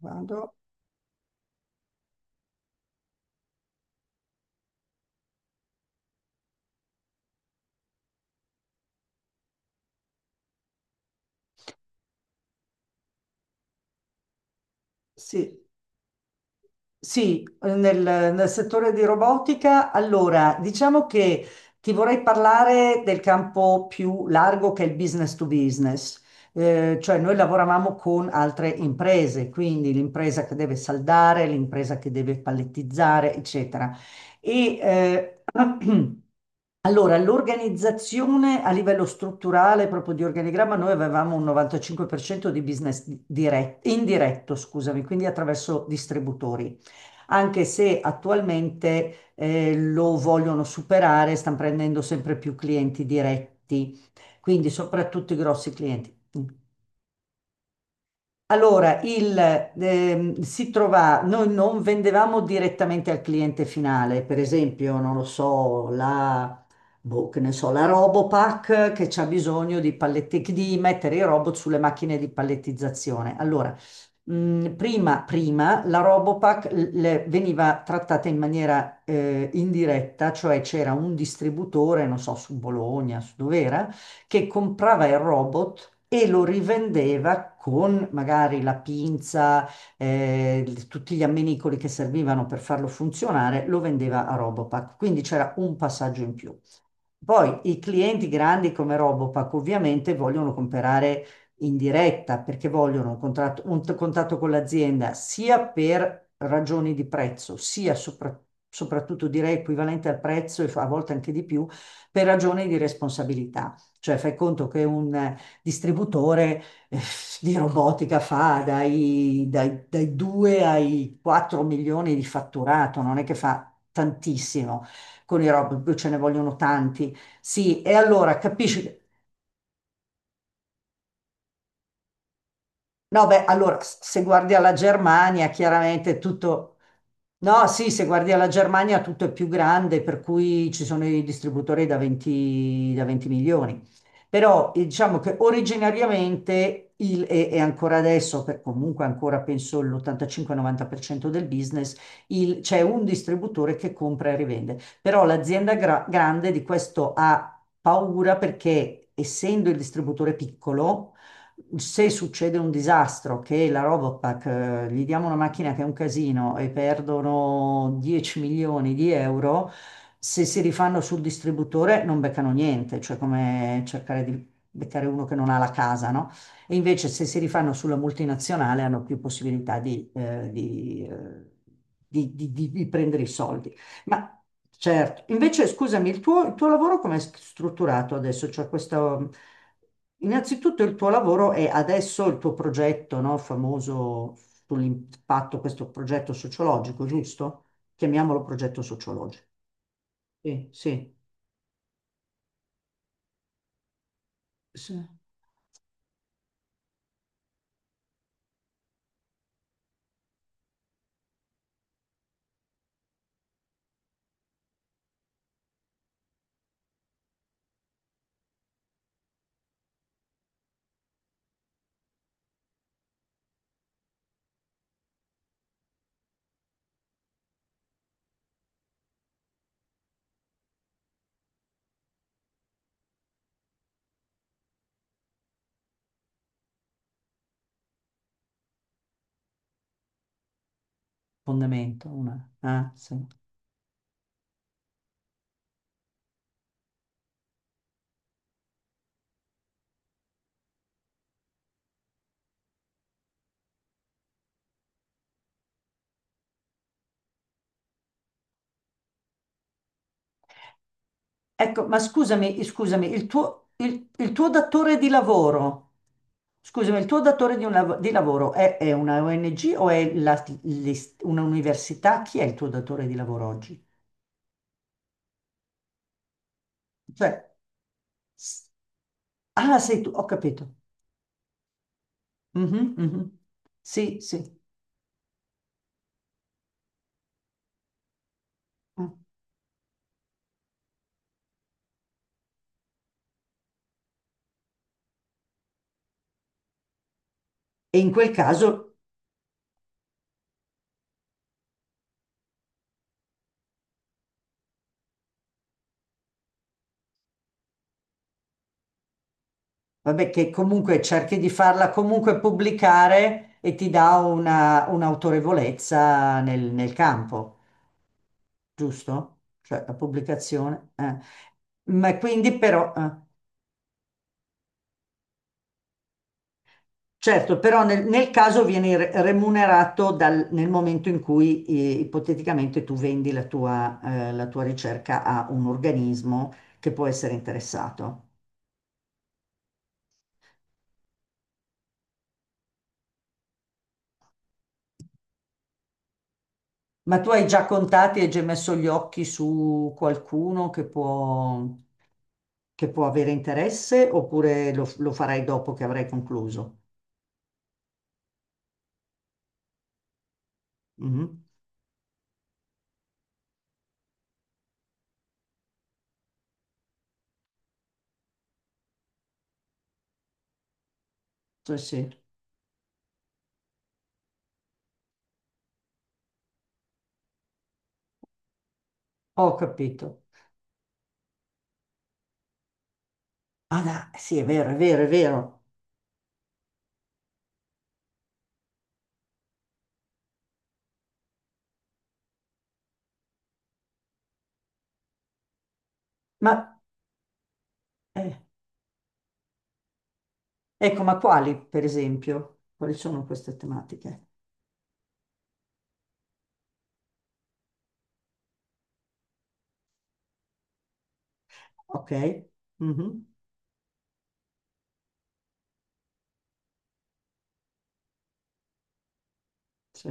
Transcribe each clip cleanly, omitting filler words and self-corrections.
Vado. Sì, sì, nel, nel settore di robotica. Allora, diciamo che ti vorrei parlare del campo più largo che è il business to business. Cioè noi lavoravamo con altre imprese, quindi l'impresa che deve saldare, l'impresa che deve pallettizzare, eccetera. E eh, Allora, l'organizzazione a livello strutturale, proprio di organigramma, noi avevamo un 95% di business diretto, indiretto, scusami, quindi attraverso distributori, anche se attualmente lo vogliono superare, stanno prendendo sempre più clienti diretti, quindi soprattutto i grossi clienti. Allora, si trova, noi non vendevamo direttamente al cliente finale, per esempio, non lo so, boh, che ne so, la Robopack che c'ha bisogno di palletti, di mettere i robot sulle macchine di pallettizzazione. Allora, prima la Robopack veniva trattata in maniera indiretta, cioè c'era un distributore, non so, su Bologna, su dov'era, che comprava il robot e lo rivendeva con magari la pinza, tutti gli ammenicoli che servivano per farlo funzionare, lo vendeva a Robopack. Quindi c'era un passaggio in più. Poi i clienti grandi come Robopack ovviamente vogliono comprare in diretta perché vogliono un contratto, un contatto con l'azienda sia per ragioni di prezzo, soprattutto direi equivalente al prezzo e a volte anche di più, per ragioni di responsabilità. Cioè fai conto che un distributore eh, di robotica fa dai 2 ai 4 milioni di fatturato, non è che fa tantissimo con i robot, poi ce ne vogliono tanti. Sì, e allora capisci. No, beh, allora, se guardi alla Germania, chiaramente tutto... No, sì, se guardi alla Germania tutto è più grande, per cui ci sono i distributori da 20, da 20 milioni. Però diciamo che originariamente, e ancora adesso, per, comunque ancora penso l'85-90% del business, c'è un distributore che compra e rivende. Però l'azienda grande di questo ha paura perché, essendo il distributore piccolo, se succede un disastro, che la Robopack, gli diamo una macchina che è un casino e perdono 10 milioni di euro, se si rifanno sul distributore non beccano niente, cioè come cercare di beccare uno che non ha la casa, no? E invece se si rifanno sulla multinazionale hanno più possibilità di prendere i soldi. Ma certo, invece scusami, il tuo lavoro come è strutturato adesso? Cioè questo... Innanzitutto il tuo lavoro e adesso il tuo progetto, no, famoso sull'impatto, questo progetto sociologico, giusto? Chiamiamolo progetto sociologico. Sì, sì, sì. Fondamento, ah, sì. Ecco, ma scusami, il tuo datore di lavoro, scusami, il tuo datore di, un di lavoro è una ONG o è un'università? Chi è il tuo datore di lavoro oggi? Cioè, s- ah, sei tu, ho capito. Mhm, mhm. Sì, sì. E in quel caso, vabbè, che comunque cerchi di farla comunque pubblicare e ti dà una, un'autorevolezza nel, nel campo, giusto? Cioè la pubblicazione. Ma quindi però, certo, però nel, nel caso vieni remunerato nel momento in cui ipoteticamente tu vendi la tua ricerca a un organismo che può essere interessato. Ma tu hai già contati, hai già messo gli occhi su qualcuno che può avere interesse oppure lo, lo farai dopo che avrai concluso? Mhm. Sì, sì, ho capito. Ah, no, sì, è vero, è vero, è vero. Ma eh, ecco, ma quali, per esempio? Quali sono queste tematiche? Ok? Mhm. Sì,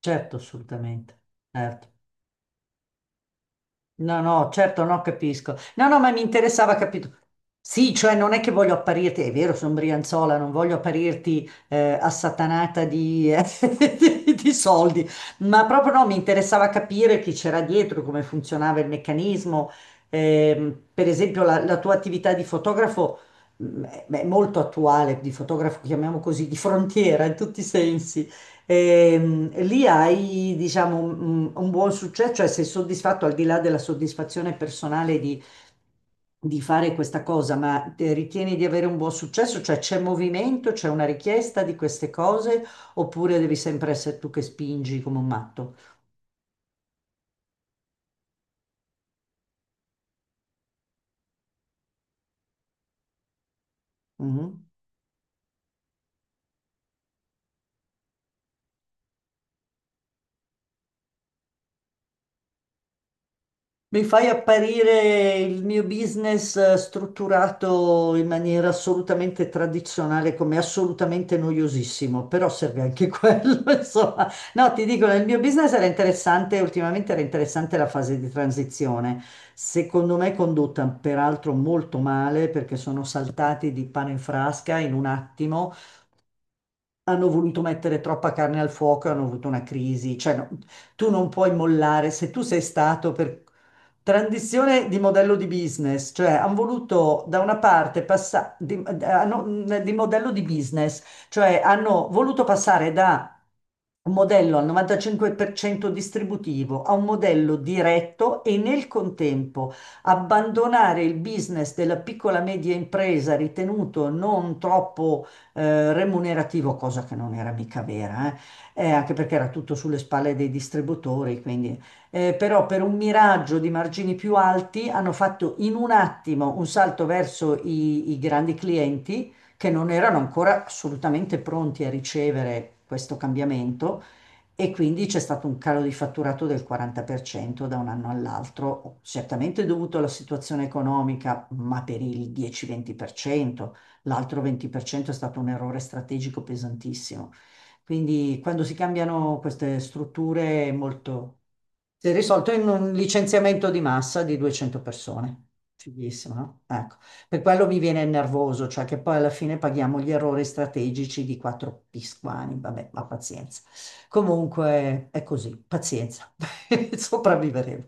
certo, assolutamente. Certo. No, no, certo, no, capisco. No, no, ma mi interessava capito. Sì, cioè non è che voglio apparirti, è vero, sono Brianzola, non voglio apparirti assatanata di, di soldi, ma proprio no, mi interessava capire chi c'era dietro, come funzionava il meccanismo. Per esempio, la tua attività di fotografo è molto attuale, di fotografo, chiamiamo così, di frontiera in tutti i sensi. E lì hai, diciamo, un buon successo, cioè sei soddisfatto al di là della soddisfazione personale di fare questa cosa, ma te ritieni di avere un buon successo? Cioè c'è movimento, c'è una richiesta di queste cose, oppure devi sempre essere tu che spingi come un matto? Mhm. Mi fai apparire il mio business strutturato in maniera assolutamente tradizionale come assolutamente noiosissimo, però serve anche quello, insomma. No, ti dico, nel mio business era interessante, ultimamente era interessante la fase di transizione. Secondo me condotta peraltro molto male perché sono saltati di pane in frasca in un attimo, hanno voluto mettere troppa carne al fuoco e hanno avuto una crisi. Cioè, no, tu non puoi mollare se tu sei stato per transizione di modello di business, cioè hanno voluto da una parte passare di modello di business, cioè hanno voluto passare da un modello al 95% distributivo a un modello diretto e nel contempo abbandonare il business della piccola e media impresa ritenuto non troppo remunerativo, cosa che non era mica vera, anche perché era tutto sulle spalle dei distributori, quindi però per un miraggio di margini più alti hanno fatto in un attimo un salto verso i grandi clienti che non erano ancora assolutamente pronti a ricevere questo cambiamento e quindi c'è stato un calo di fatturato del 40% da un anno all'altro, certamente dovuto alla situazione economica, ma per il 10-20%, l'altro 20% è stato un errore strategico pesantissimo. Quindi quando si cambiano queste strutture è molto... Si è risolto in un licenziamento di massa di 200 persone. Fighissimo, no? Ecco, per quello mi viene nervoso, cioè che poi alla fine paghiamo gli errori strategici di quattro pisquani, vabbè, ma pazienza. Comunque è così, pazienza, sopravviveremo.